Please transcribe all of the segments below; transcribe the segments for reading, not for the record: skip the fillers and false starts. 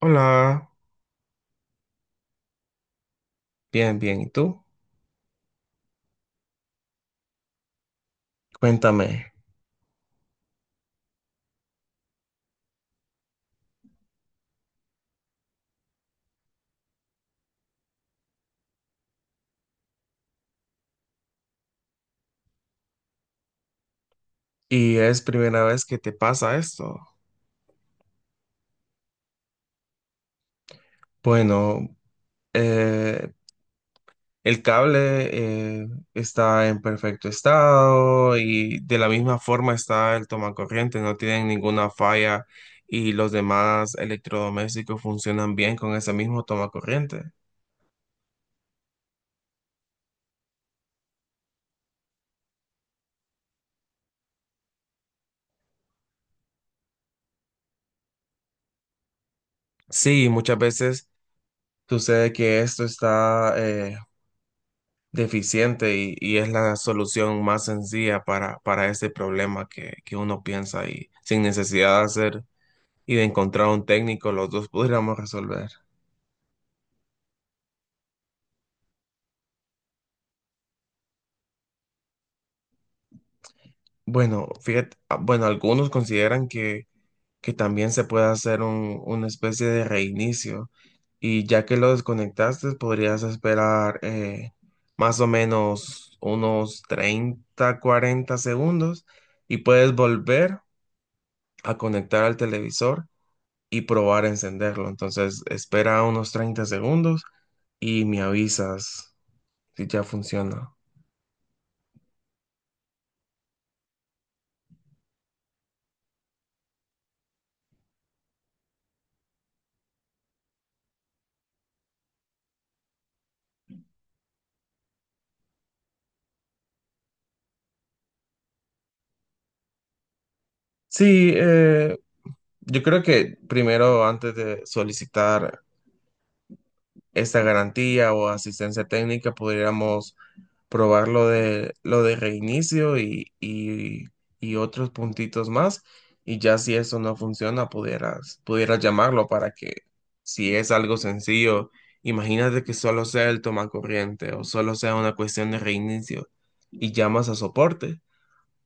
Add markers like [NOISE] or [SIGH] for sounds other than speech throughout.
Hola, bien, bien. ¿Y tú? Cuéntame. ¿Y es primera vez que te pasa esto? Bueno, eh, el cable eh, está en perfecto estado y de la misma forma está el tomacorriente, no tienen ninguna falla y los demás electrodomésticos funcionan bien con ese mismo tomacorriente. Sí, muchas veces sucede que esto está deficiente y es la solución más sencilla para ese problema que uno piensa y sin necesidad de hacer y de encontrar un técnico, los dos podríamos resolver. Bueno, fíjate, ah, bueno, algunos consideran que también se puede hacer una especie de reinicio y ya que lo desconectaste, podrías esperar más o menos unos 30 40 segundos y puedes volver a conectar al televisor y probar a encenderlo. Entonces, espera unos 30 segundos y me avisas si ya funciona. Sí, yo creo que primero, antes de solicitar esta garantía o asistencia técnica, podríamos probar lo de reinicio y otros puntitos más. Y ya si eso no funciona, pudieras llamarlo para que, si es algo sencillo, imagínate que solo sea el tomacorriente o solo sea una cuestión de reinicio y llamas a soporte.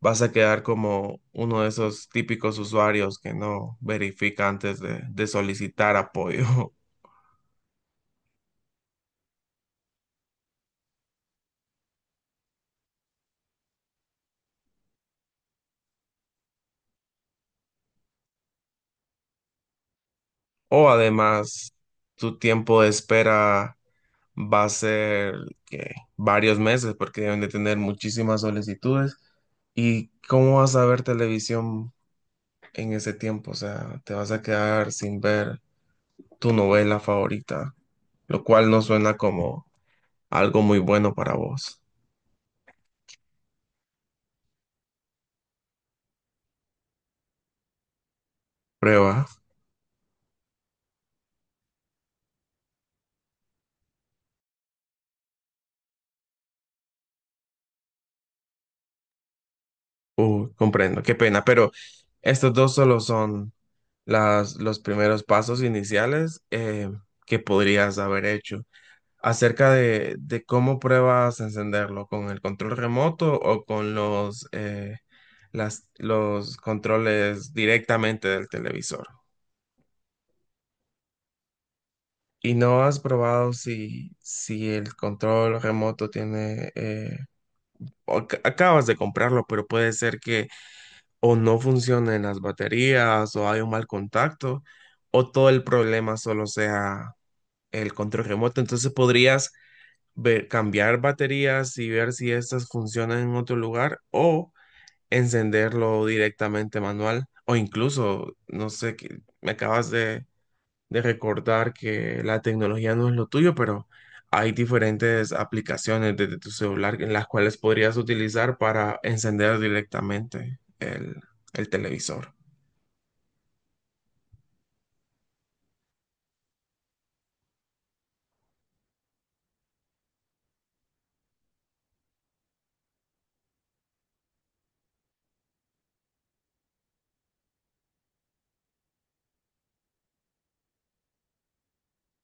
Vas a quedar como uno de esos típicos usuarios que no verifica antes de solicitar apoyo. [LAUGHS] O además, tu tiempo de espera va a ser que varios meses porque deben de tener muchísimas solicitudes. ¿Y cómo vas a ver televisión en ese tiempo? O sea, te vas a quedar sin ver tu novela favorita, lo cual no suena como algo muy bueno para vos. Prueba. Comprendo, qué pena, pero estos dos solo son los primeros pasos iniciales que podrías haber hecho. Acerca de cómo pruebas a encenderlo, con el control remoto o con los controles directamente del televisor. ¿Y no has probado si el control remoto tiene, o acabas de comprarlo, pero puede ser que o no funcionen las baterías o hay un mal contacto o todo el problema solo sea el control remoto? Entonces podrías cambiar baterías y ver si estas funcionan en otro lugar o encenderlo directamente manual o incluso, no sé, me acabas de recordar que la tecnología no es lo tuyo, pero hay diferentes aplicaciones desde tu celular en las cuales podrías utilizar para encender directamente el televisor.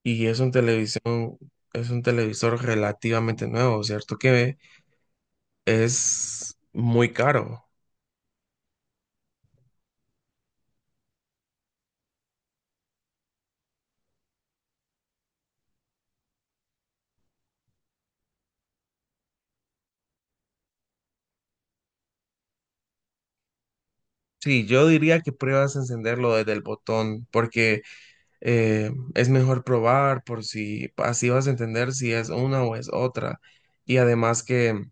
Y es un televisor relativamente nuevo, ¿cierto? Que es muy caro. Sí, yo diría que pruebas a encenderlo desde el botón, porque es mejor probar por si así vas a entender si es una o es otra. Y además que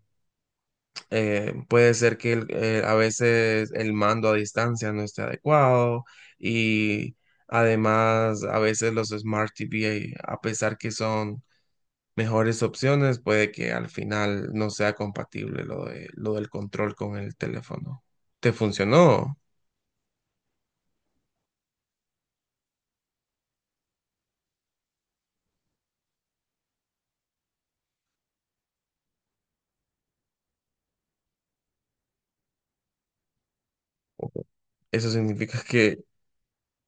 puede ser que a veces el mando a distancia no esté adecuado y además a veces los Smart TV, a pesar que son mejores opciones, puede que al final no sea compatible lo del control con el teléfono. ¿Te funcionó? Eso significa que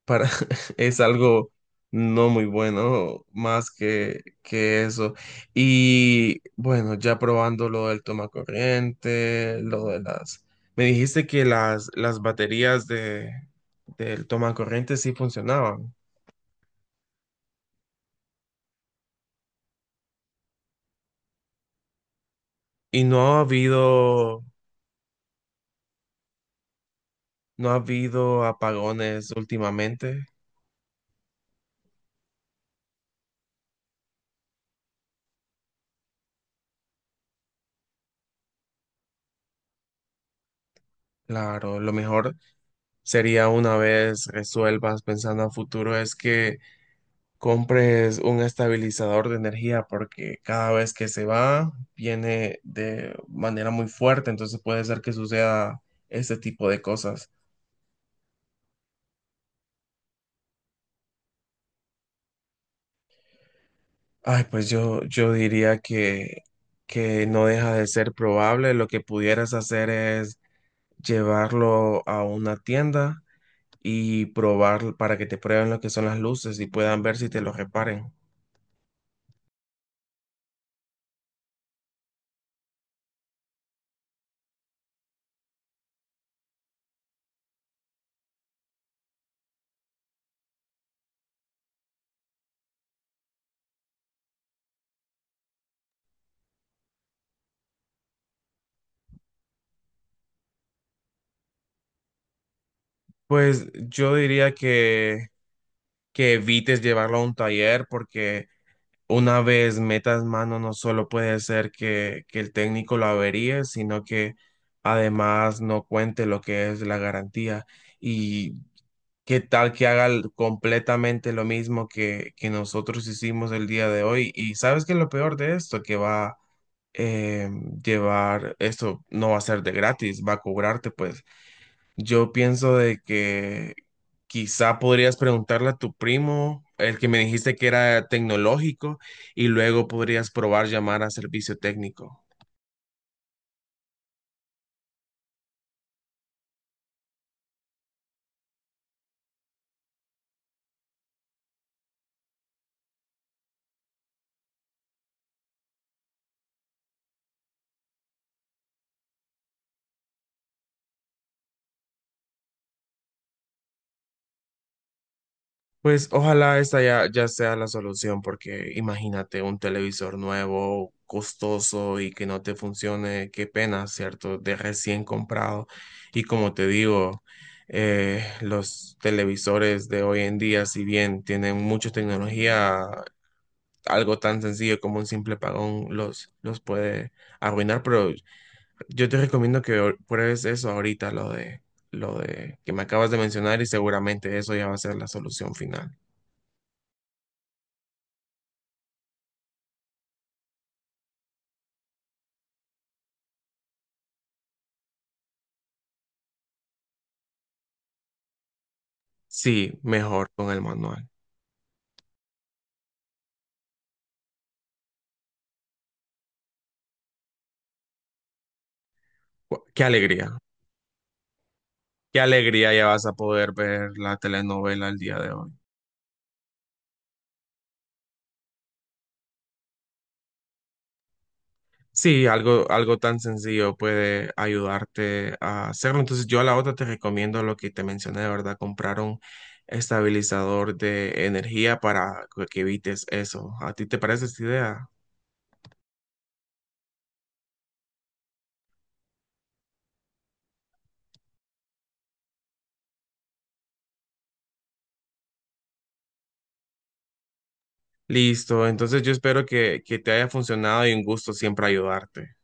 para [LAUGHS] es algo no muy bueno, más que eso. Y bueno, ya probando lo del toma corriente, lo de las... Me dijiste que las baterías del toma corriente sí funcionaban. Y no ha habido apagones últimamente. Claro, lo mejor sería una vez resuelvas pensando a futuro es que compres un estabilizador de energía porque cada vez que se va viene de manera muy fuerte, entonces puede ser que suceda este tipo de cosas. Ay, pues yo diría que no deja de ser probable. Lo que pudieras hacer es llevarlo a una tienda y probar para que te prueben lo que son las luces y puedan ver si te lo reparen. Pues yo diría que evites llevarlo a un taller porque una vez metas mano no solo puede ser que el técnico lo averíe, sino que además no cuente lo que es la garantía. Y ¿qué tal que haga completamente lo mismo que nosotros hicimos el día de hoy? Y sabes que lo peor de esto, que va a llevar, esto no va a ser de gratis, va a cobrarte, pues yo pienso de que quizá podrías preguntarle a tu primo, el que me dijiste que era tecnológico, y luego podrías probar llamar a servicio técnico. Pues ojalá esta ya sea la solución, porque imagínate un televisor nuevo, costoso y que no te funcione, qué pena, ¿cierto? De recién comprado. Y como te digo, los televisores de hoy en día, si bien tienen mucha tecnología, algo tan sencillo como un simple pagón los puede arruinar, pero yo te recomiendo que pruebes eso ahorita, lo de que me acabas de mencionar y seguramente eso ya va a ser la solución final. Sí, mejor con el manual. Gua- Qué alegría, qué alegría ya vas a poder ver la telenovela el día de hoy. Sí, algo tan sencillo puede ayudarte a hacerlo. Entonces yo a la otra te recomiendo lo que te mencioné, de verdad, comprar un estabilizador de energía para que evites eso. ¿A ti te parece esta idea? Listo, entonces yo espero que te haya funcionado y un gusto siempre ayudarte.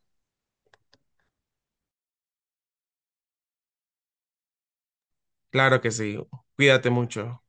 Claro que sí, cuídate mucho.